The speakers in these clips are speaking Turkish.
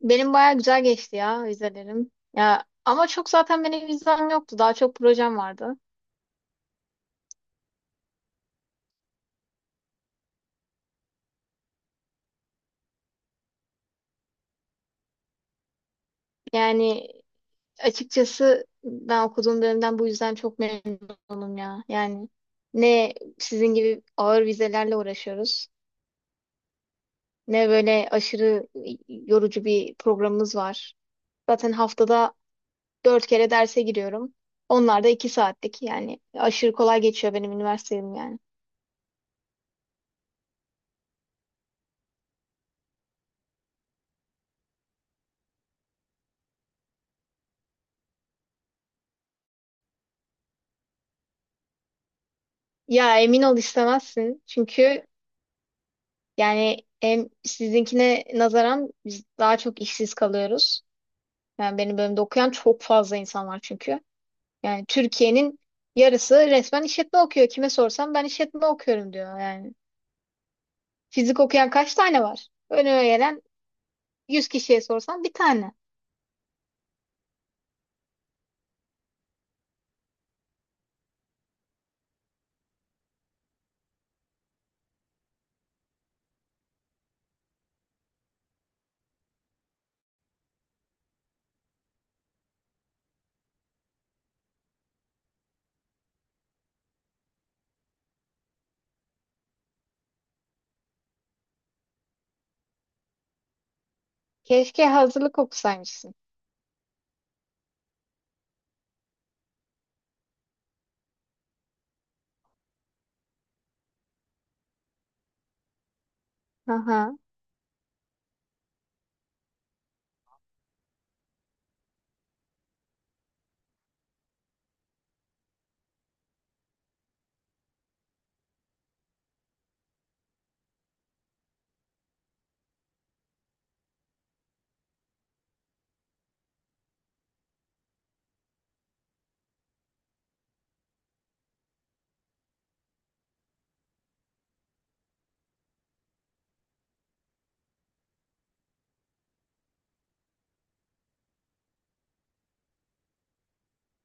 Benim baya güzel geçti ya vizelerim. Ya ama çok zaten benim vizem yoktu. Daha çok projem vardı. Yani açıkçası ben okuduğum dönemden bu yüzden çok memnunum ya. Yani ne sizin gibi ağır vizelerle uğraşıyoruz, ne böyle aşırı yorucu bir programımız var. Zaten haftada dört kere derse giriyorum. Onlar da iki saatlik, yani aşırı kolay geçiyor benim üniversitem yani. Ya emin ol istemezsin çünkü yani hem sizinkine nazaran biz daha çok işsiz kalıyoruz. Yani benim bölümde okuyan çok fazla insan var çünkü. Yani Türkiye'nin yarısı resmen işletme okuyor. Kime sorsam ben işletme okuyorum diyor yani. Fizik okuyan kaç tane var? Önüme gelen 100 kişiye sorsam bir tane. Keşke hazırlık okusaymışsın. Aha.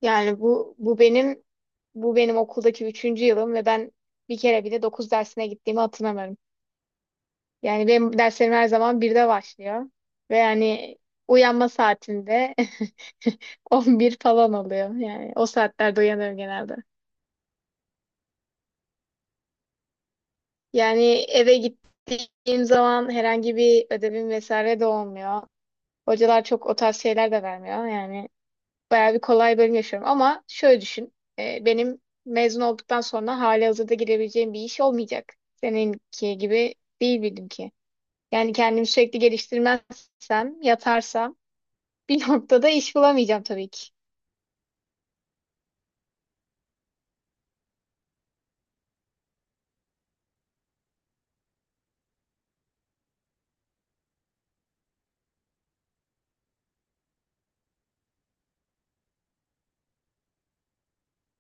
Yani bu benim bu benim okuldaki üçüncü yılım ve ben bir kere bile dokuz dersine gittiğimi hatırlamıyorum. Yani benim derslerim her zaman birde başlıyor. Ve yani uyanma saatinde 11 falan oluyor. Yani o saatlerde uyanıyorum genelde. Yani eve gittiğim zaman herhangi bir ödevim vesaire de olmuyor. Hocalar çok o tarz şeyler de vermiyor. Yani bayağı bir kolay bölüm yaşıyorum. Ama şöyle düşün. Benim mezun olduktan sonra hali hazırda girebileceğim bir iş olmayacak. Seninki gibi değil bildim ki. Yani kendimi sürekli geliştirmezsem, yatarsam bir noktada iş bulamayacağım tabii ki.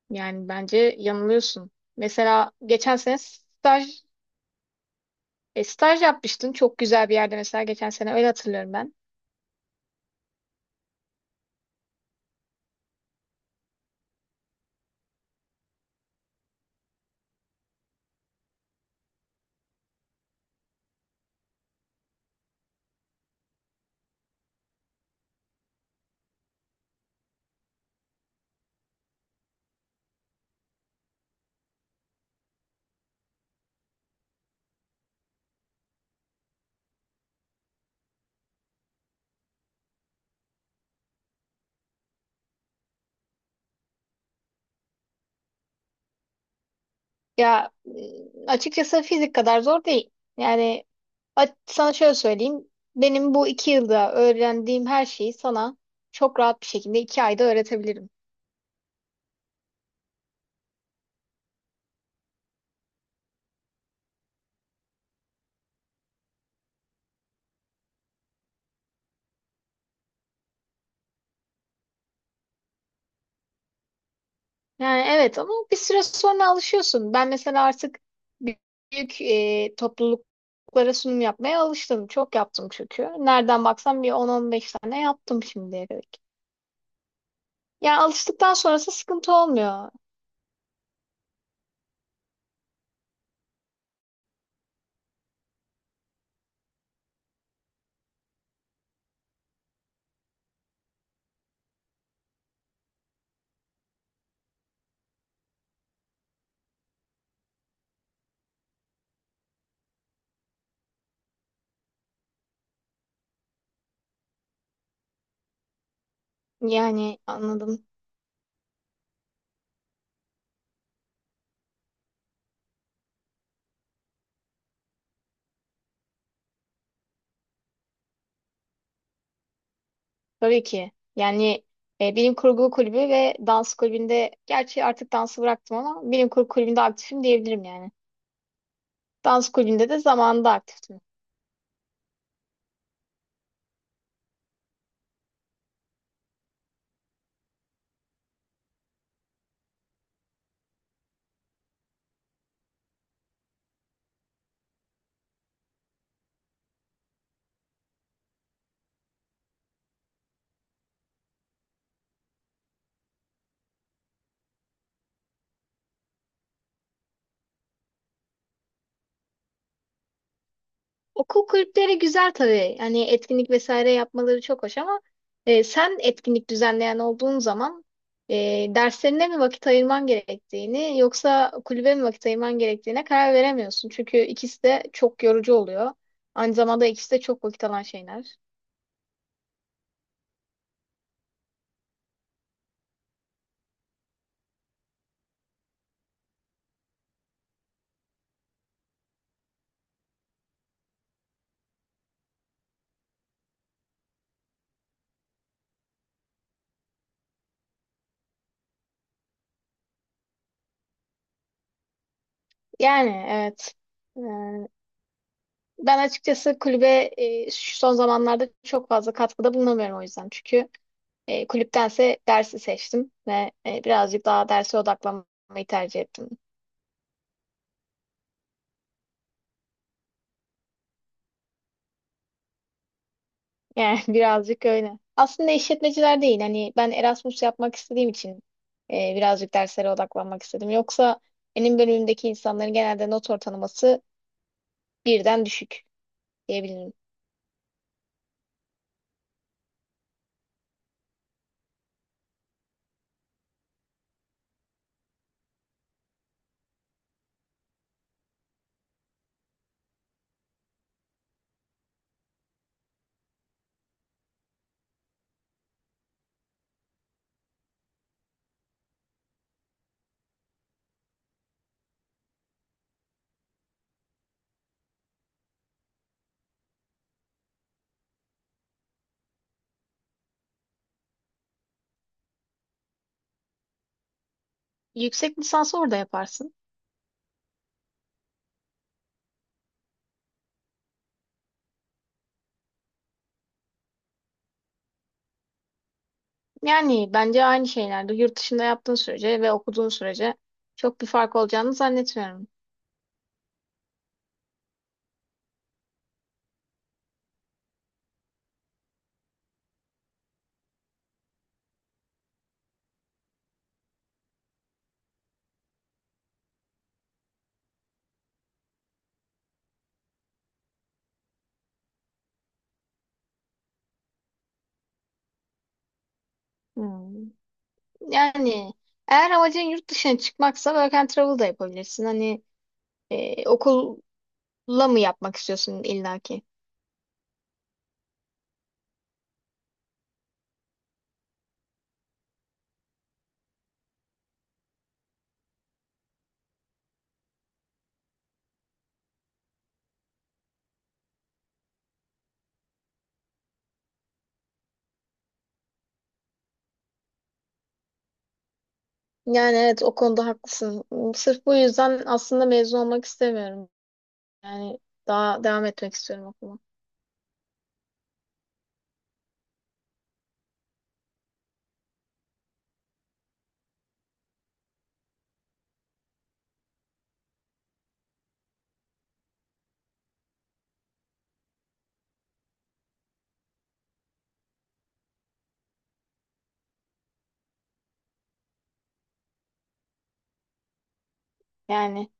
Yani bence yanılıyorsun. Mesela geçen sene staj yapmıştın çok güzel bir yerde, mesela geçen sene öyle hatırlıyorum ben. Ya açıkçası fizik kadar zor değil. Yani sana şöyle söyleyeyim. Benim bu iki yılda öğrendiğim her şeyi sana çok rahat bir şekilde iki ayda öğretebilirim. Yani evet, ama bir süre sonra alışıyorsun. Ben mesela artık büyük topluluklara sunum yapmaya alıştım. Çok yaptım çünkü. Nereden baksam bir 10-15 tane yaptım şimdiye kadar. Yani alıştıktan sonrası sıkıntı olmuyor. Yani anladım. Tabii ki. Yani bilim kurgu kulübü ve dans kulübünde, gerçi artık dansı bıraktım ama bilim kurgu kulübünde aktifim diyebilirim yani. Dans kulübünde de zamanında aktiftim. Okul kulüpleri güzel tabii. Hani etkinlik vesaire yapmaları çok hoş ama sen etkinlik düzenleyen olduğun zaman e, derslerine mi vakit ayırman gerektiğini yoksa kulübe mi vakit ayırman gerektiğine karar veremiyorsun. Çünkü ikisi de çok yorucu oluyor. Aynı zamanda ikisi de çok vakit alan şeyler. Yani evet. E, Ben açıkçası kulübe şu son zamanlarda çok fazla katkıda bulunamıyorum o yüzden. Çünkü kulüptense dersi seçtim ve birazcık daha derse odaklanmayı tercih ettim. Yani birazcık öyle. Aslında işletmeciler değil. Hani ben Erasmus yapmak istediğim için birazcık derslere odaklanmak istedim. Yoksa benim bölümümdeki insanların genelde not ortalaması birden düşük diyebilirim. Yüksek lisansı orada yaparsın. Yani bence aynı şeylerde yurt dışında yaptığın sürece ve okuduğun sürece çok bir fark olacağını zannetmiyorum. Hmm. Yani eğer amacın yurt dışına çıkmaksa work and travel da yapabilirsin. Hani okulla mı yapmak istiyorsun illaki? Yani evet, o konuda haklısın. Sırf bu yüzden aslında mezun olmak istemiyorum. Yani daha devam etmek istiyorum okula. Yani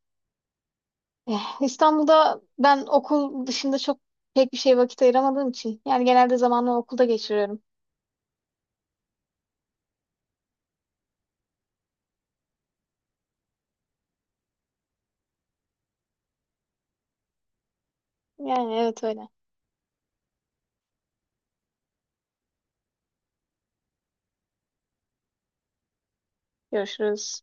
İstanbul'da ben okul dışında pek bir şey vakit ayıramadığım için yani genelde zamanımı okulda geçiriyorum. Yani evet öyle. Görüşürüz.